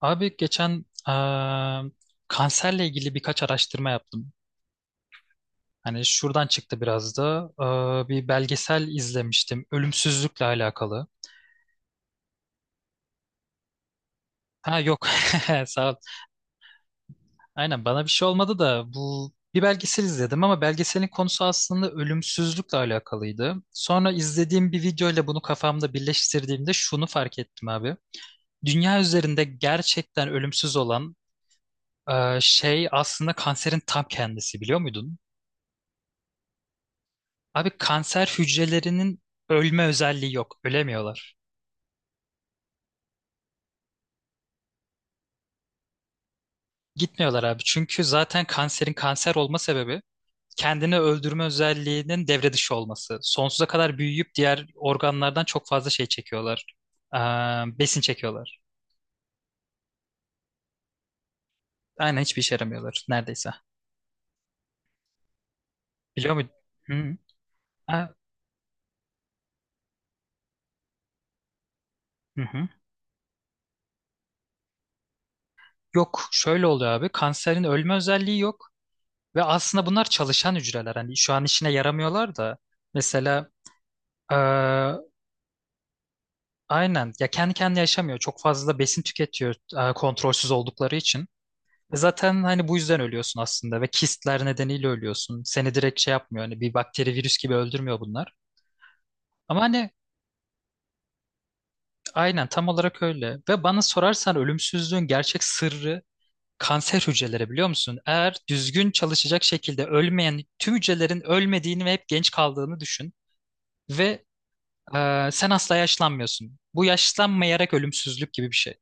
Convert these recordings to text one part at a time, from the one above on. Abi geçen kanserle ilgili birkaç araştırma yaptım. Hani şuradan çıktı biraz da bir belgesel izlemiştim ölümsüzlükle alakalı. Ha yok sağ ol. Aynen bana bir şey olmadı da bu bir belgesel izledim ama belgeselin konusu aslında ölümsüzlükle alakalıydı. Sonra izlediğim bir video ile bunu kafamda birleştirdiğimde şunu fark ettim abi. Dünya üzerinde gerçekten ölümsüz olan şey aslında kanserin tam kendisi, biliyor muydun? Abi kanser hücrelerinin ölme özelliği yok. Ölemiyorlar. Gitmiyorlar abi. Çünkü zaten kanserin kanser olma sebebi kendini öldürme özelliğinin devre dışı olması. Sonsuza kadar büyüyüp diğer organlardan çok fazla şey çekiyorlar. Ee, besin çekiyorlar. Aynen, hiçbir işe yaramıyorlar neredeyse. Biliyor muydun? Hı. Ha, hı hı. Yok, şöyle oluyor abi. Kanserin ölme özelliği yok. Ve aslında bunlar çalışan hücreler. Hani şu an işine yaramıyorlar da. Mesela aynen. Ya kendi kendine yaşamıyor. Çok fazla da besin tüketiyor kontrolsüz oldukları için. Zaten hani bu yüzden ölüyorsun aslında ve kistler nedeniyle ölüyorsun. Seni direkt şey yapmıyor. Hani bir bakteri, virüs gibi öldürmüyor bunlar. Ama hani aynen, tam olarak öyle. Ve bana sorarsan ölümsüzlüğün gerçek sırrı kanser hücreleri, biliyor musun? Eğer düzgün çalışacak şekilde ölmeyen tüm hücrelerin ölmediğini ve hep genç kaldığını düşün. Ve sen asla yaşlanmıyorsun. Bu, yaşlanmayarak ölümsüzlük gibi bir şey.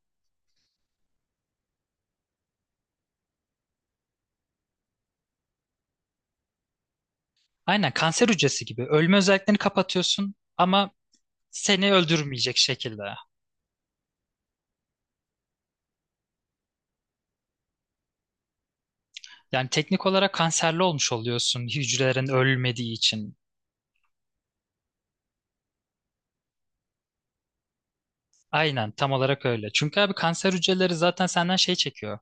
Aynen kanser hücresi gibi ölme özelliklerini kapatıyorsun ama seni öldürmeyecek şekilde. Yani teknik olarak kanserli olmuş oluyorsun, hücrelerin ölmediği için. Aynen tam olarak öyle. Çünkü abi, kanser hücreleri zaten senden şey çekiyor.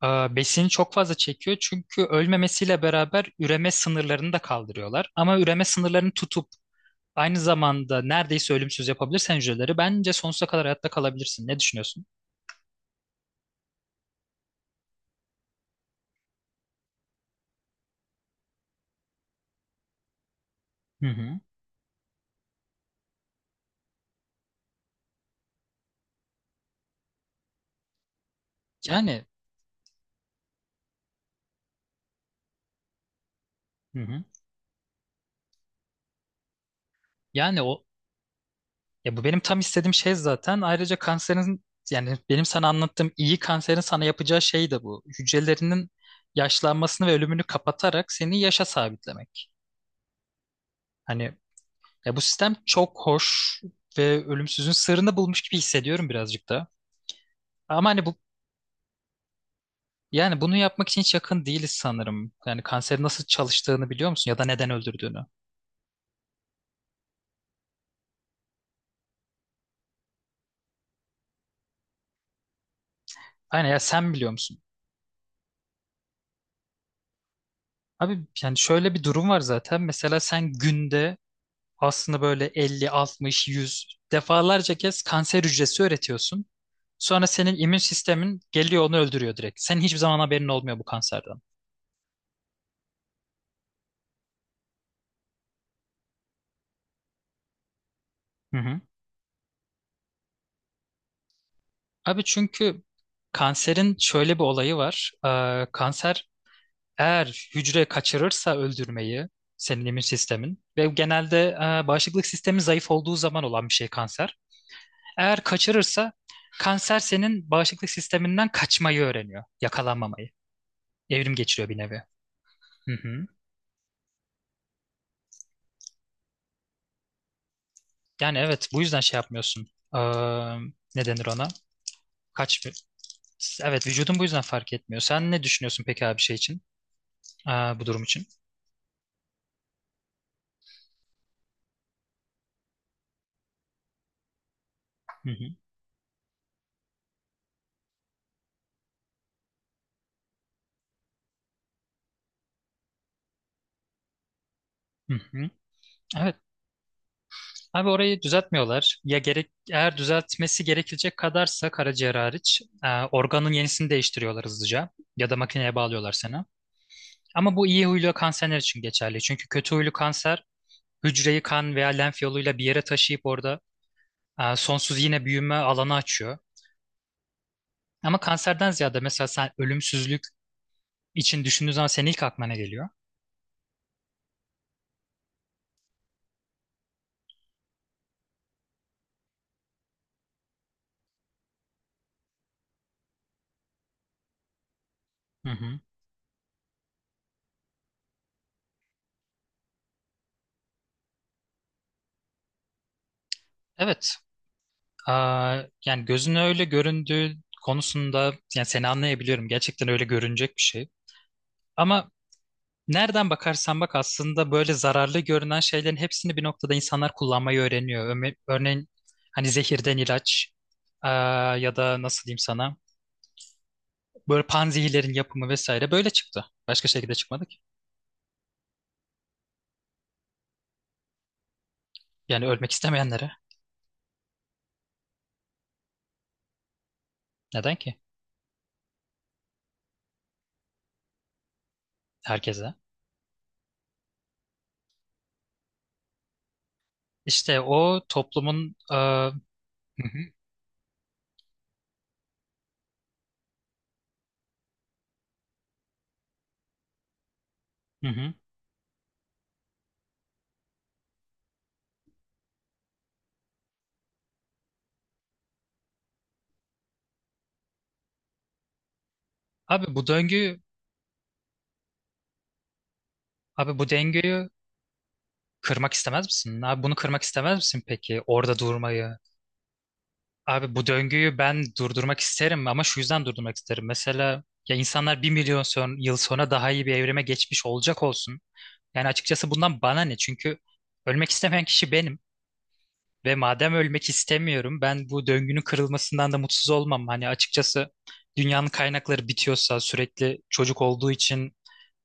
Besini çok fazla çekiyor çünkü ölmemesiyle beraber üreme sınırlarını da kaldırıyorlar. Ama üreme sınırlarını tutup aynı zamanda neredeyse ölümsüz yapabilirsen hücreleri, bence sonsuza kadar hayatta kalabilirsin. Ne düşünüyorsun? Hı hı. Yani hı hı. Yani o Ya, bu benim tam istediğim şey zaten. Ayrıca kanserin, yani benim sana anlattığım iyi kanserin sana yapacağı şey de bu. Hücrelerinin yaşlanmasını ve ölümünü kapatarak seni yaşa sabitlemek. Hani ya, bu sistem çok hoş ve ölümsüzün sırrını bulmuş gibi hissediyorum birazcık da. Ama hani bu, yani bunu yapmak için hiç yakın değiliz sanırım. Yani kanserin nasıl çalıştığını biliyor musun ya da neden öldürdüğünü? Aynen, ya sen biliyor musun? Abi yani şöyle bir durum var zaten. Mesela sen günde aslında böyle 50, 60, 100 defalarca kez kanser hücresi üretiyorsun. Sonra senin immün sistemin geliyor, onu öldürüyor direkt. Senin hiçbir zaman haberin olmuyor bu kanserden. Hı hı. Abi çünkü kanserin şöyle bir olayı var. Kanser eğer hücre kaçırırsa öldürmeyi, senin immün sistemin ve genelde bağışıklık sistemi zayıf olduğu zaman olan bir şey kanser. Eğer kaçırırsa kanser senin bağışıklık sisteminden kaçmayı öğreniyor, yakalanmamayı. Evrim geçiriyor bir nevi. Hı hı. Yani evet, bu yüzden şey yapmıyorsun. Ee, ne denir ona? Kaç bir- Evet, vücudun bu yüzden fark etmiyor. Sen ne düşünüyorsun peki abi şey için? Aa, bu durum için. Hı hı. Hı hı. Evet. Abi orayı düzeltmiyorlar. Ya gerek, eğer düzeltmesi gerekecek kadarsa karaciğer hariç organın yenisini değiştiriyorlar hızlıca ya da makineye bağlıyorlar sana. Ama bu iyi huylu kanserler için geçerli. Çünkü kötü huylu kanser hücreyi kan veya lenf yoluyla bir yere taşıyıp orada sonsuz yine büyüme alanı açıyor. Ama kanserden ziyade mesela sen ölümsüzlük için düşündüğün zaman senin ilk aklına ne geliyor? Hı hı. Evet. Aa, yani gözüne öyle göründüğü konusunda, yani seni anlayabiliyorum. Gerçekten öyle görünecek bir şey. Ama nereden bakarsan bak, aslında böyle zararlı görünen şeylerin hepsini bir noktada insanlar kullanmayı öğreniyor. Örneğin hani zehirden ilaç, eee, ya da nasıl diyeyim sana, böyle panzehirlerin yapımı vesaire böyle çıktı. Başka şekilde çıkmadı ki. Yani ölmek istemeyenlere. Neden ki? Herkese. İşte o toplumun hı hı, hı hı. Abi bu döngü Abi bu döngüyü kırmak istemez misin? Abi bunu kırmak istemez misin peki? Orada durmayı. Abi bu döngüyü ben durdurmak isterim ama şu yüzden durdurmak isterim. Mesela ya, insanlar 1 milyon yıl sonra daha iyi bir evrime geçmiş olacak olsun. Yani açıkçası bundan bana ne? Çünkü ölmek istemeyen kişi benim. Ve madem ölmek istemiyorum, ben bu döngünün kırılmasından da mutsuz olmam. Hani açıkçası dünyanın kaynakları bitiyorsa sürekli çocuk olduğu için,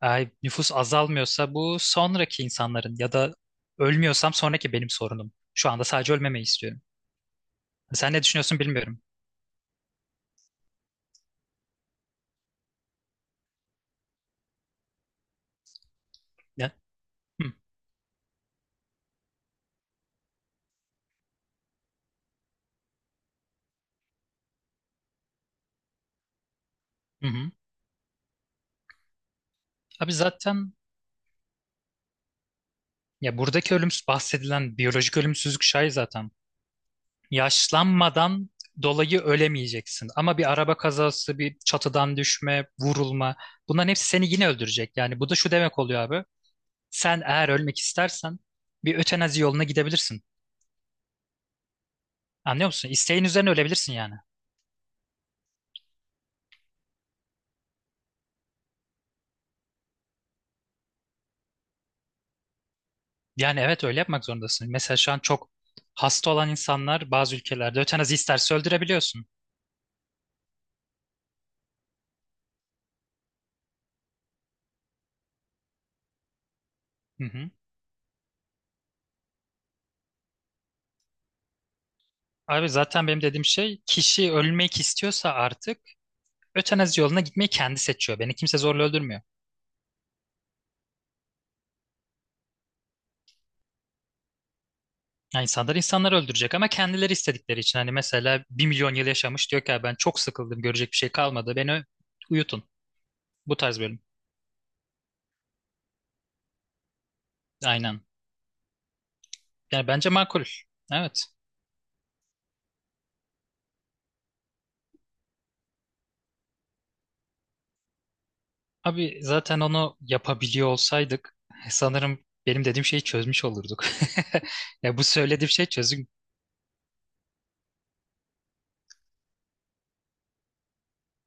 ay, nüfus azalmıyorsa bu sonraki insanların, ya da ölmüyorsam sonraki benim sorunum. Şu anda sadece ölmemeyi istiyorum. Sen ne düşünüyorsun bilmiyorum. Ya. Hı hı. Abi zaten ya, buradaki ölümsüz bahsedilen biyolojik ölümsüzlük şey zaten. Yaşlanmadan dolayı ölemeyeceksin. Ama bir araba kazası, bir çatıdan düşme, vurulma, bunların hepsi seni yine öldürecek. Yani bu da şu demek oluyor abi. Sen eğer ölmek istersen bir ötenazi yoluna gidebilirsin. Anlıyor musun? İsteğin üzerine ölebilirsin yani. Yani evet, öyle yapmak zorundasın. Mesela şu an çok hasta olan insanlar bazı ülkelerde ötenazi isterse öldürebiliyorsun. Hı hı. Abi zaten benim dediğim şey, kişi ölmek istiyorsa artık ötenazi yoluna gitmeyi kendi seçiyor. Beni kimse zorla öldürmüyor. Yani insanlar insanları öldürecek ama kendileri istedikleri için. Hani mesela 1 milyon yıl yaşamış diyor ki "Ya ben çok sıkıldım, görecek bir şey kalmadı. Uyutun. Bu tarz bölüm. Aynen. Yani bence makul. Evet. Abi zaten onu yapabiliyor olsaydık sanırım benim dediğim şeyi çözmüş olurduk. Ya bu söylediğim şey çözüm.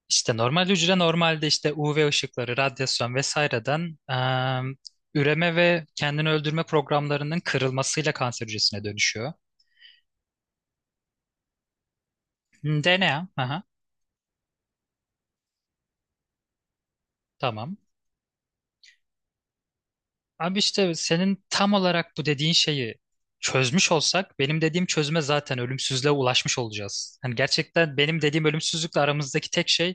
İşte normal hücre normalde işte UV ışıkları, radyasyon vesaireden üreme ve kendini öldürme programlarının kırılmasıyla kanser hücresine dönüşüyor. Hmm, DNA, aha, tamam. Abi işte senin tam olarak bu dediğin şeyi çözmüş olsak benim dediğim çözüme, zaten ölümsüzlüğe ulaşmış olacağız. Hani gerçekten benim dediğim ölümsüzlükle aramızdaki tek şey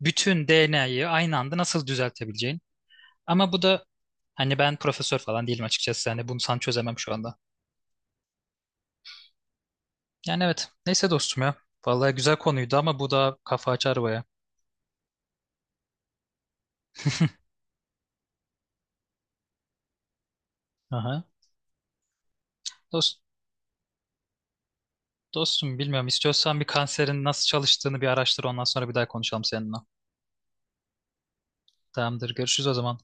bütün DNA'yı aynı anda nasıl düzeltebileceğin. Ama bu da, hani ben profesör falan değilim açıkçası. Hani bunu sana çözemem şu anda. Yani evet. Neyse dostum ya. Vallahi güzel konuydu ama bu da kafa açar baya. Aha. Dost, dostum bilmiyorum. İstiyorsan bir kanserin nasıl çalıştığını bir araştır. Ondan sonra bir daha konuşalım seninle. Tamamdır. Görüşürüz o zaman.